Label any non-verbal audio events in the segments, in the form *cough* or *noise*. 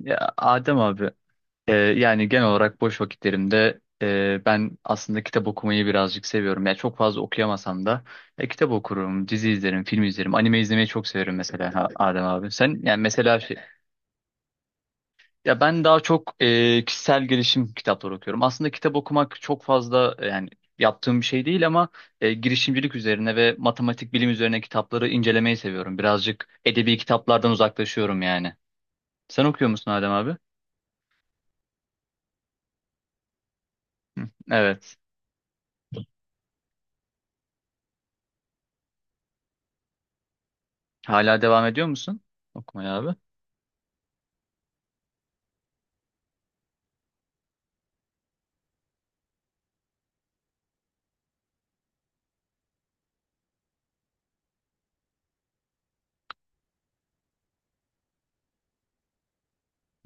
Adem abi, yani genel olarak boş vakitlerimde ben aslında kitap okumayı birazcık seviyorum. Yani çok fazla okuyamasam da kitap okurum, dizi izlerim, film izlerim, anime izlemeyi çok severim mesela Adem abi. Sen yani mesela ya ben daha çok kişisel gelişim kitapları okuyorum. Aslında kitap okumak çok fazla yani yaptığım bir şey değil ama girişimcilik üzerine ve matematik bilim üzerine kitapları incelemeyi seviyorum. Birazcık edebi kitaplardan uzaklaşıyorum yani. Sen okuyor musun Adem abi? Evet. Hala devam ediyor musun okumaya abi?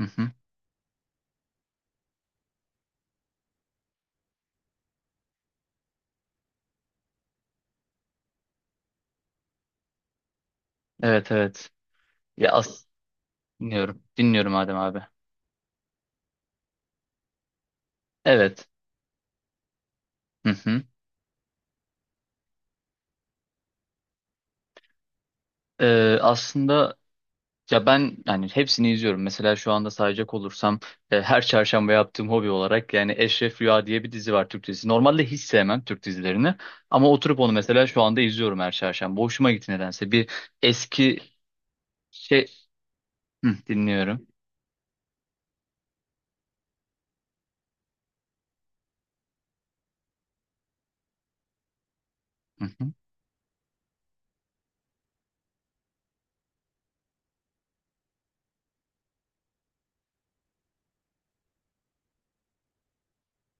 Hı hı. Evet, evet. Ya as dinliyorum. Dinliyorum Adem abi. Evet. Hı hı. Aslında ya ben yani hepsini izliyorum. Mesela şu anda sayacak olursam her çarşamba yaptığım hobi olarak yani Eşref Rüya diye bir dizi var, Türk dizisi. Normalde hiç sevmem Türk dizilerini, ama oturup onu mesela şu anda izliyorum her çarşamba. Hoşuma gitti nedense. Bir eski şey Hı, dinliyorum.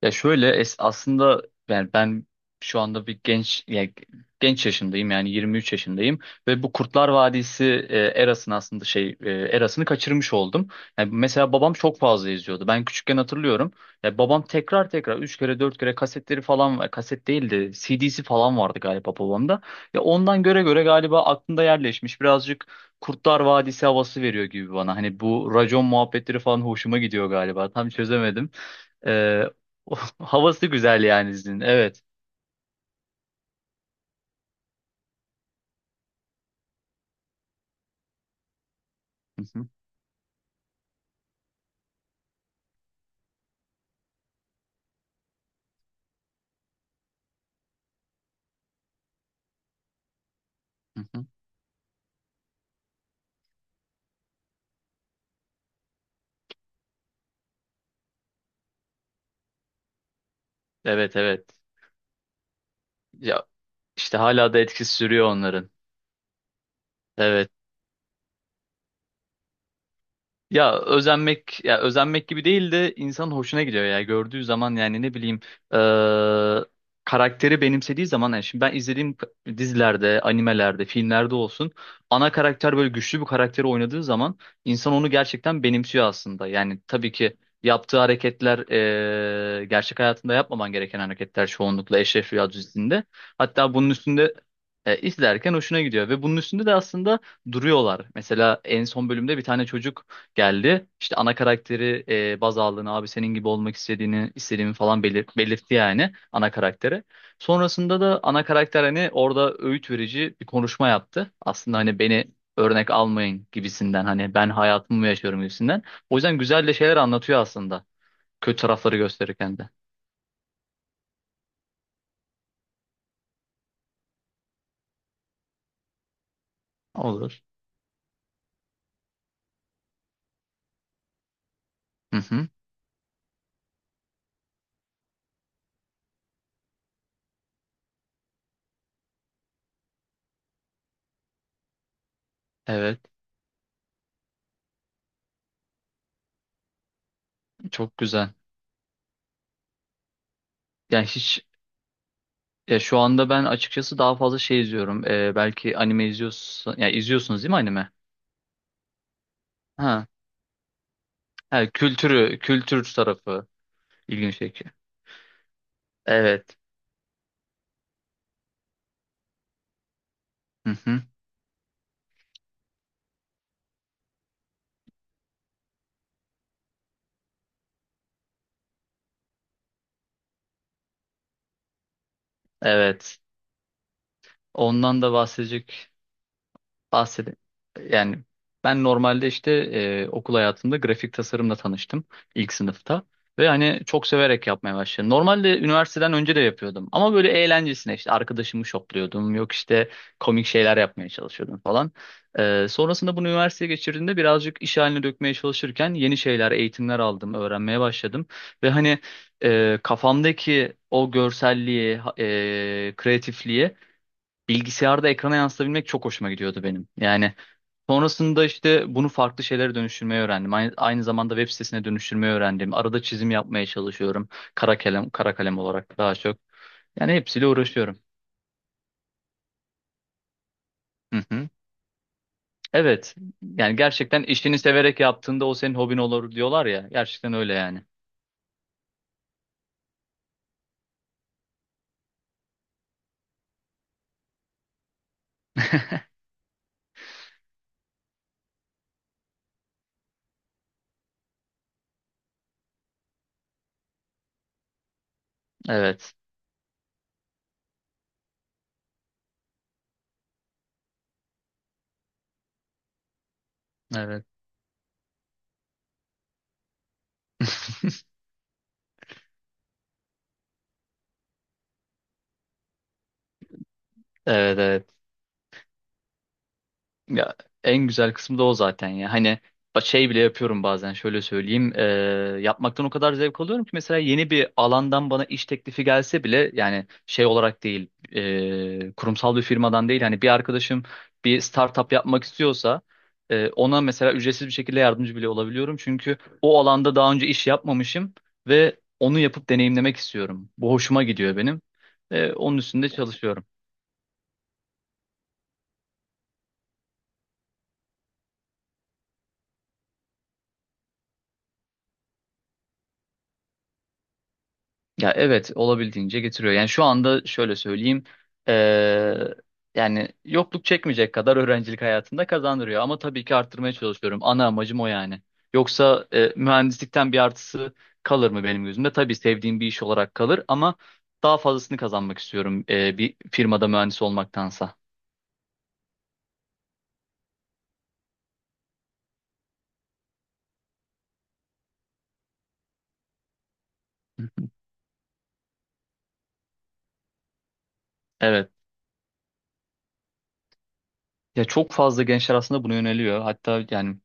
Ya şöyle aslında yani şu anda bir genç ya, genç yaşındayım yani 23 yaşındayım ve bu Kurtlar Vadisi erasını aslında erasını kaçırmış oldum. Yani mesela babam çok fazla izliyordu. Ben küçükken hatırlıyorum. Ya babam tekrar 3 kere 4 kere kasetleri falan, kaset değildi. CD'si falan vardı galiba babamda. Ya ondan göre göre galiba aklımda yerleşmiş. Birazcık Kurtlar Vadisi havası veriyor gibi bana. Hani bu racon muhabbetleri falan hoşuma gidiyor galiba. Tam çözemedim. Ee, *laughs* havası güzel yani izin. Evet. Hı hı, hı hı. Evet, evet. Ya işte hala da etkisi sürüyor onların. Evet. Ya özenmek, ya özenmek gibi değil de insanın hoşuna gidiyor ya gördüğü zaman yani ne bileyim, eee, karakteri benimsediği zaman yani şimdi ben izlediğim dizilerde, animelerde, filmlerde olsun, ana karakter böyle güçlü bir karakteri oynadığı zaman insan onu gerçekten benimsiyor aslında. Yani tabii ki yaptığı hareketler gerçek hayatında yapmaman gereken hareketler çoğunlukla Eşref Rüya dizisinde. Hatta bunun üstünde izlerken hoşuna gidiyor ve bunun üstünde de aslında duruyorlar. Mesela en son bölümde bir tane çocuk geldi. İşte ana karakteri baz aldığını, abi senin gibi olmak istediğini, istediğimi falan belirtti yani ana karaktere. Sonrasında da ana karakter hani orada öğüt verici bir konuşma yaptı. Aslında hani beni örnek almayın gibisinden, hani ben hayatımı mı yaşıyorum gibisinden. O yüzden güzel de şeyler anlatıyor aslında. Kötü tarafları gösterirken de. Olur. Hı hı. Evet. Çok güzel. Yani hiç ya şu anda ben açıkçası daha fazla şey izliyorum. Belki anime izliyorsun. Ya izliyorsunuz değil mi anime? Ha. Ha, kültürü, kültür tarafı ilginç şey. Evet. Hı hı. Evet. Ondan da bahsedecek bahsede yani ben normalde işte okul hayatımda grafik tasarımla tanıştım ilk sınıfta ve hani çok severek yapmaya başladım. Normalde üniversiteden önce de yapıyordum ama böyle eğlencesine işte arkadaşımı şokluyordum, yok işte komik şeyler yapmaya çalışıyordum falan. Sonrasında bunu üniversiteye geçirdiğimde birazcık iş haline dökmeye çalışırken yeni şeyler, eğitimler aldım, öğrenmeye başladım ve hani kafamdaki o görselliği, kreatifliği bilgisayarda ekrana yansıtabilmek çok hoşuma gidiyordu benim. Yani sonrasında işte bunu farklı şeylere dönüştürmeyi öğrendim. Aynı zamanda web sitesine dönüştürmeyi öğrendim. Arada çizim yapmaya çalışıyorum. Kara kalem, kara kalem olarak daha çok. Yani hepsiyle uğraşıyorum. Hı hı. Evet. Yani gerçekten işini severek yaptığında o senin hobin olur diyorlar ya. Gerçekten öyle yani. *laughs* Evet. Evet. *laughs* Evet, evet. Ya en güzel kısmı da o zaten ya. Hani şey bile yapıyorum bazen, şöyle söyleyeyim. Yapmaktan o kadar zevk alıyorum ki mesela yeni bir alandan bana iş teklifi gelse bile, yani şey olarak değil, kurumsal bir firmadan değil. Hani bir arkadaşım bir startup yapmak istiyorsa ona mesela ücretsiz bir şekilde yardımcı bile olabiliyorum. Çünkü o alanda daha önce iş yapmamışım ve onu yapıp deneyimlemek istiyorum. Bu hoşuma gidiyor benim. Onun üstünde çalışıyorum. Ya evet, olabildiğince getiriyor. Yani şu anda şöyle söyleyeyim. eee, yani yokluk çekmeyecek kadar öğrencilik hayatında kazandırıyor. Ama tabii ki arttırmaya çalışıyorum. Ana amacım o yani. Yoksa mühendislikten bir artısı kalır mı benim gözümde? Tabii sevdiğim bir iş olarak kalır ama daha fazlasını kazanmak istiyorum bir firmada mühendis olmaktansa. Evet. Ya çok fazla gençler aslında buna yöneliyor. Hatta yani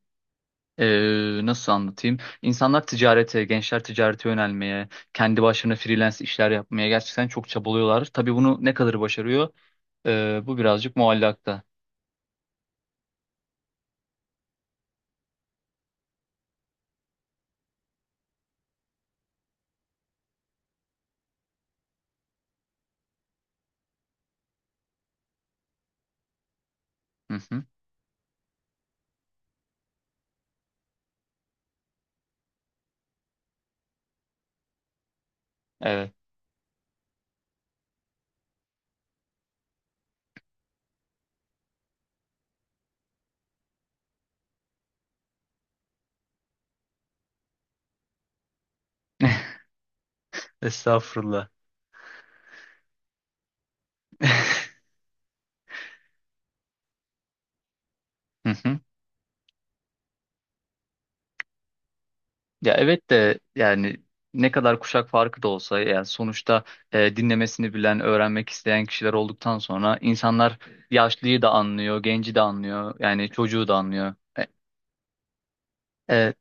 Nasıl anlatayım? İnsanlar ticarete, gençler ticarete yönelmeye, kendi başlarına freelance işler yapmaya gerçekten çok çabalıyorlar. Tabii bunu ne kadar başarıyor? Bu birazcık muallakta. Hı hı. Evet. *laughs* Estağfurullah. *laughs* Hı hı. Ya evet de yani ne kadar kuşak farkı da olsa yani sonuçta dinlemesini bilen, öğrenmek isteyen kişiler olduktan sonra insanlar yaşlıyı da anlıyor, genci de anlıyor, yani çocuğu da anlıyor. E,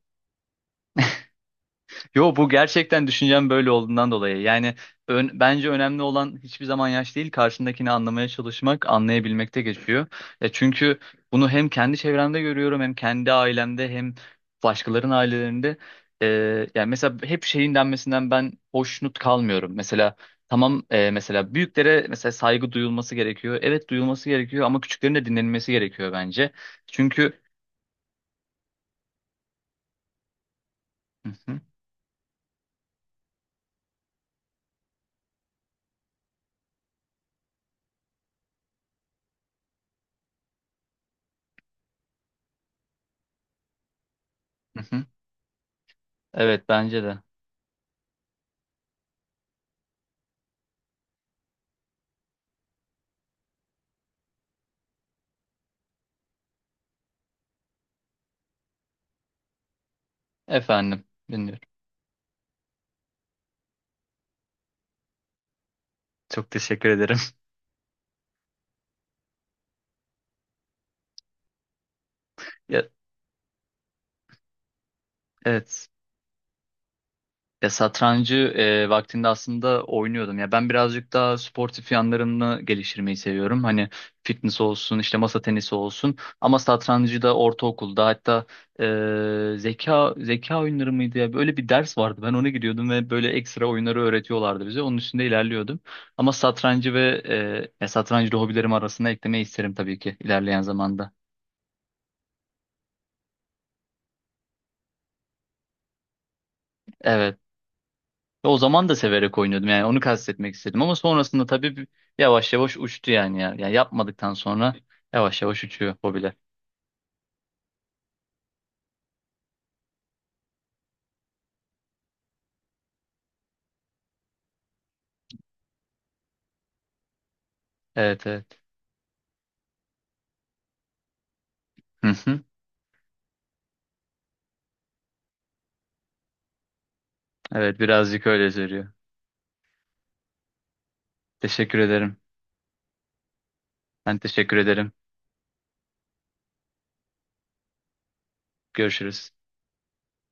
Yo, bu gerçekten düşüncem böyle olduğundan dolayı. Yani bence önemli olan hiçbir zaman yaş değil, karşındakini anlamaya çalışmak, anlayabilmekte geçiyor. Ya çünkü bunu hem kendi çevremde görüyorum, hem kendi ailemde, hem başkalarının ailelerinde. Ee, yani mesela hep şeyin denmesinden ben hoşnut kalmıyorum. Mesela tamam, mesela büyüklere mesela saygı duyulması gerekiyor. Evet, duyulması gerekiyor ama küçüklerin de dinlenilmesi gerekiyor bence. Çünkü Hı hı, hı hı. Evet, bence de. Efendim. Dinliyorum. Çok teşekkür ederim. *laughs* Ya, evet. Ya satrancı vaktinde aslında oynuyordum. Ya ben birazcık daha sportif yanlarını geliştirmeyi seviyorum. Hani fitness olsun, işte masa tenisi olsun. Ama satrancı da ortaokulda, hatta zeka oyunları mıydı ya? Böyle bir ders vardı. Ben ona gidiyordum ve böyle ekstra oyunları öğretiyorlardı bize. Onun üstünde ilerliyordum. Ama satrancı ve e, ya satrancı da hobilerim arasına eklemeyi isterim tabii ki ilerleyen zamanda. Evet. Ve o zaman da severek oynuyordum, yani onu kastetmek istedim ama sonrasında tabii yavaş yavaş uçtu yani ya. Yani yapmadıktan sonra yavaş yavaş uçuyor hobiler. Evet, evet. Hı hı. Evet, birazcık öyle söylüyor. Teşekkür ederim. Ben teşekkür ederim. Görüşürüz.